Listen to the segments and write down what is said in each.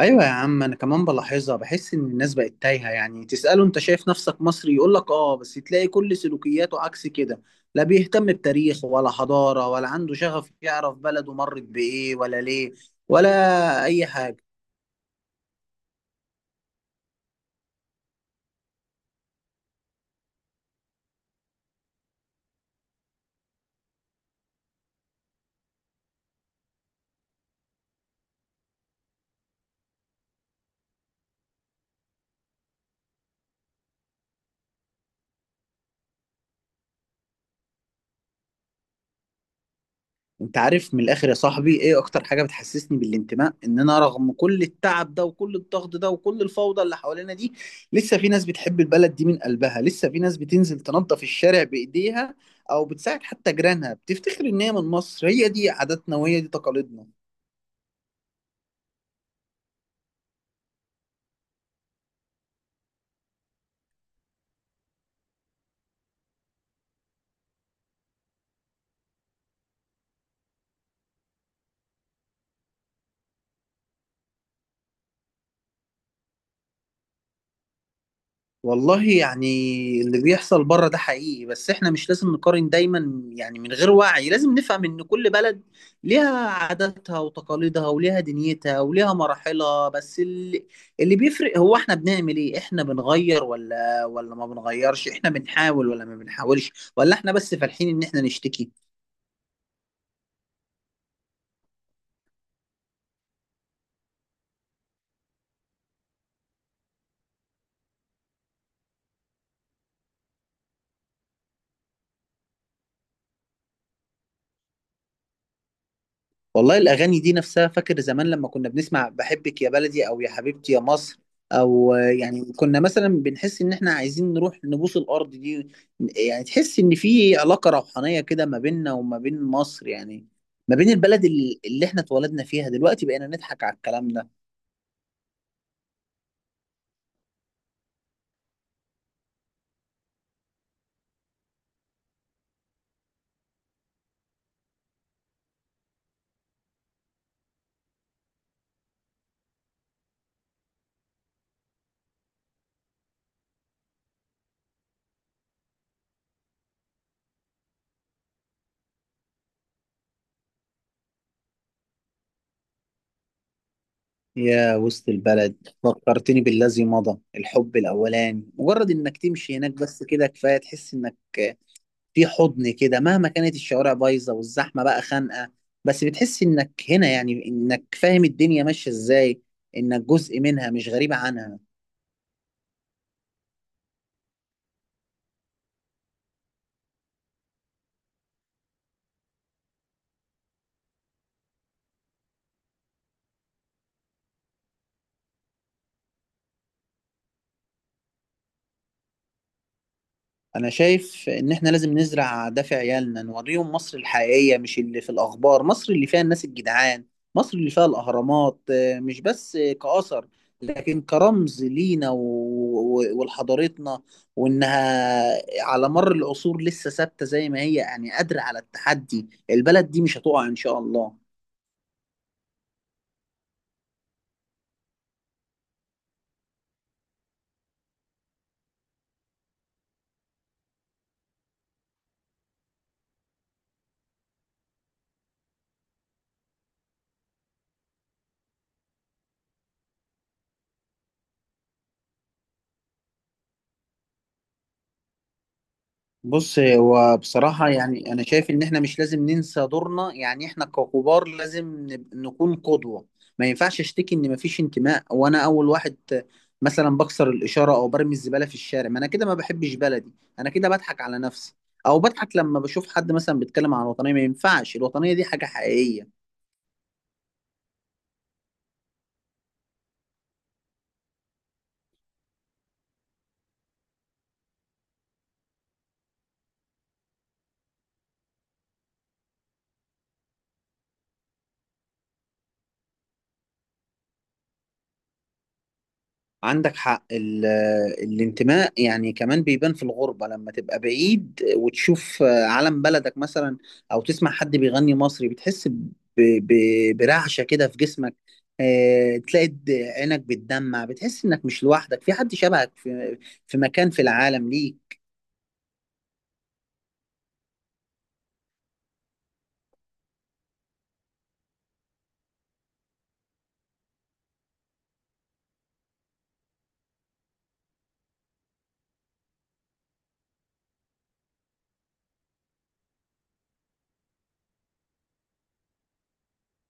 ايوه يا عم، انا كمان بلاحظها. بحس ان الناس بقت تايهه. يعني تساله انت شايف نفسك مصري، يقول لك اه، بس تلاقي كل سلوكياته عكس كده. لا بيهتم بتاريخ ولا حضاره، ولا عنده شغف يعرف بلده مرت بايه ولا ليه ولا اي حاجه. انت عارف من الاخر يا صاحبي ايه اكتر حاجه بتحسسني بالانتماء؟ ان انا رغم كل التعب ده وكل الضغط ده وكل الفوضى اللي حوالينا دي، لسه في ناس بتحب البلد دي من قلبها. لسه في ناس بتنزل تنظف الشارع بايديها، او بتساعد حتى جيرانها، بتفتخر ان هي من مصر. هي دي عاداتنا وهي دي تقاليدنا. والله يعني اللي بيحصل بره ده حقيقي، بس احنا مش لازم نقارن دايما يعني من غير وعي. لازم نفهم ان كل بلد ليها عاداتها وتقاليدها وليها دنيتها وليها مراحلها، بس اللي بيفرق هو احنا بنعمل ايه. احنا بنغير ولا ما بنغيرش؟ احنا بنحاول ولا ما بنحاولش؟ ولا احنا بس فالحين ان احنا نشتكي؟ والله الأغاني دي نفسها، فاكر زمان لما كنا بنسمع بحبك يا بلدي أو يا حبيبتي يا مصر أو يعني كنا مثلا بنحس إن إحنا عايزين نروح نبوس الأرض دي. يعني تحس إن في علاقة روحانية كده ما بيننا وما بين مصر، يعني ما بين البلد اللي إحنا اتولدنا فيها. دلوقتي بقينا نضحك على الكلام ده. يا وسط البلد، فكرتني بالذي مضى، الحب الأولاني. مجرد إنك تمشي هناك بس كده كفاية، تحس إنك في حضن كده. مهما كانت الشوارع بايظه والزحمه بقى خانقه، بس بتحس انك هنا، يعني انك فاهم الدنيا ماشيه ازاي، انك جزء منها مش غريب عنها. انا شايف ان احنا لازم نزرع ده في عيالنا، نوريهم مصر الحقيقية مش اللي في الاخبار. مصر اللي فيها الناس الجدعان، مصر اللي فيها الاهرامات مش بس كأثر، لكن كرمز لينا ولحضارتنا، وانها على مر العصور لسه ثابتة زي ما هي، يعني قادرة على التحدي. البلد دي مش هتقع ان شاء الله. بص هو بصراحة يعني أنا شايف إن إحنا مش لازم ننسى دورنا. يعني إحنا ككبار لازم نكون قدوة. ما ينفعش أشتكي إن مفيش انتماء وأنا أول واحد مثلا بكسر الإشارة أو برمي الزبالة في الشارع. ما أنا كده ما بحبش بلدي، أنا كده بضحك على نفسي، أو بضحك لما بشوف حد مثلا بيتكلم عن الوطنية. ما ينفعش، الوطنية دي حاجة حقيقية. عندك حق، الانتماء يعني كمان بيبان في الغربة، لما تبقى بعيد وتشوف علم بلدك مثلا أو تسمع حد بيغني مصري، بتحس برعشة كده في جسمك. تلاقي عينك بتدمع، بتحس إنك مش لوحدك، في حد شبهك في في مكان في العالم ليك.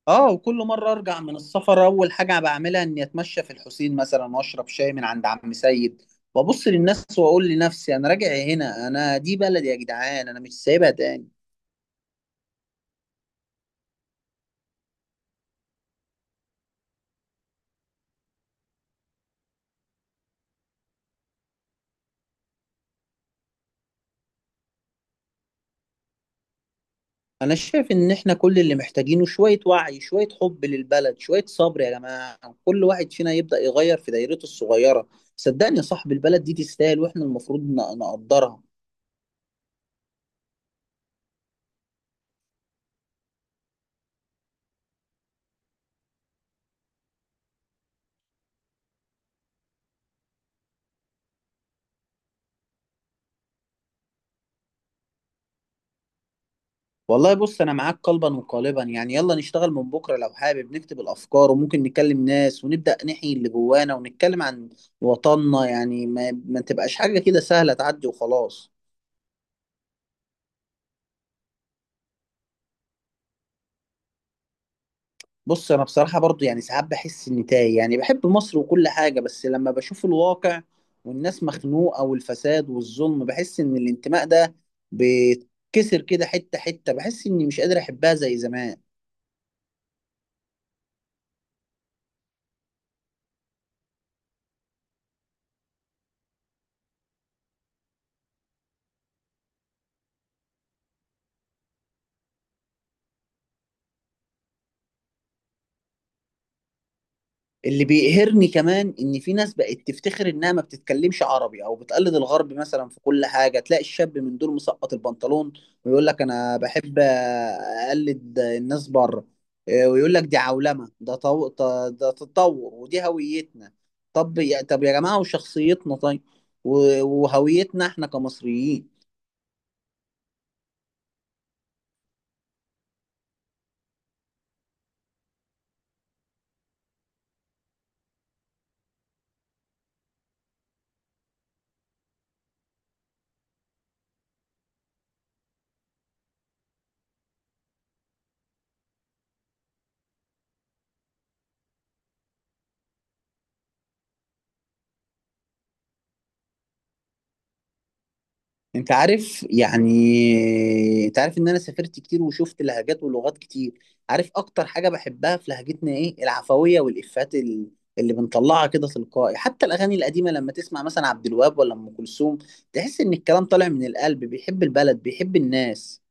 اه، وكل مرة أرجع من السفر أول حاجة بعملها إني أتمشى في الحسين مثلا، وأشرب شاي من عند عم سيد، وأبص للناس وأقول لنفسي أنا راجع هنا، أنا دي بلدي يا جدعان، أنا مش سايبها تاني. انا شايف ان احنا كل اللي محتاجينه شوية وعي، شوية حب للبلد، شوية صبر يا جماعة. كل واحد فينا يبدأ يغير في دايرته الصغيرة. صدقني يا صاحب، البلد دي تستاهل، واحنا المفروض نقدرها. والله بص انا معاك قلبا وقالبا. يعني يلا نشتغل من بكرة لو حابب، نكتب الافكار وممكن نكلم ناس، ونبدأ نحيي اللي جوانا ونتكلم عن وطننا. يعني ما تبقاش حاجة كده سهلة تعدي وخلاص. بص انا بصراحه برضو يعني ساعات بحس اني تايه. يعني بحب مصر وكل حاجه، بس لما بشوف الواقع والناس مخنوقه والفساد والظلم، بحس ان الانتماء ده بيتكسر كده حته حته. بحس اني مش قادر احبها زي زمان. اللي بيقهرني كمان ان في ناس بقت تفتخر انها ما بتتكلمش عربي، او بتقلد الغرب مثلا في كل حاجه. تلاقي الشاب من دول مسقط البنطلون ويقول لك انا بحب اقلد الناس بره. ويقول لك دي عولمه، ده ده تطور ودي هويتنا. طب يا جماعه، وشخصيتنا طيب؟ و... وهويتنا احنا كمصريين؟ انت عارف، يعني انت عارف ان انا سافرت كتير وشفت لهجات ولغات كتير. عارف اكتر حاجة بحبها في لهجتنا ايه؟ العفوية، والافات اللي بنطلعها كده تلقائي. حتى الاغاني القديمة لما تسمع مثلا عبد الوهاب ولا ام كلثوم، تحس ان الكلام طالع من القلب، بيحب البلد، بيحب الناس.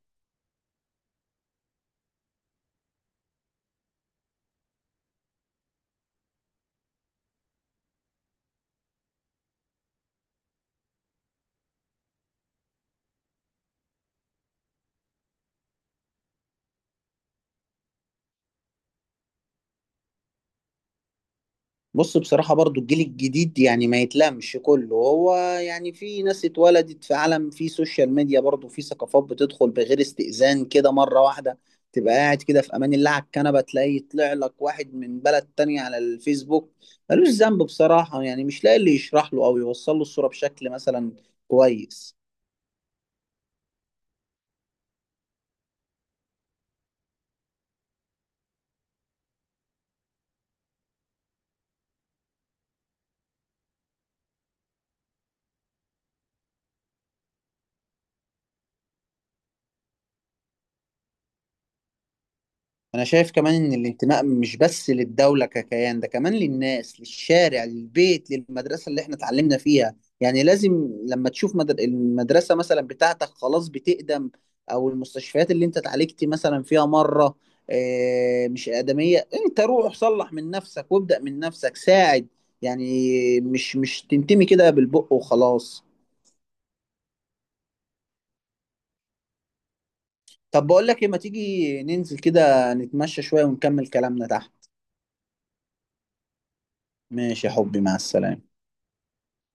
بص بصراحة برضو الجيل الجديد يعني ما يتلامش كله هو. يعني في ناس اتولدت في عالم، في سوشيال ميديا، برضو في ثقافات بتدخل بغير استئذان كده مرة واحدة. تبقى قاعد كده في أمان الله على الكنبة، تلاقي يطلع لك واحد من بلد تانية على الفيسبوك. ملوش ذنب بصراحة، يعني مش لاقي اللي يشرح له أو يوصل له الصورة بشكل مثلا كويس. انا شايف كمان ان الانتماء مش بس للدولة ككيان، ده كمان للناس، للشارع، للبيت، للمدرسة اللي احنا اتعلمنا فيها. يعني لازم لما تشوف المدرسة مثلا بتاعتك خلاص بتقدم، او المستشفيات اللي انت اتعالجت مثلا فيها مرة مش آدمية، انت روح صلح من نفسك وابدأ من نفسك، ساعد. يعني مش تنتمي كده بالبق وخلاص. طب بقول لك ايه، ما تيجي ننزل كده نتمشى شوية ونكمل كلامنا تحت؟ ماشي يا حبي، مع السلامة.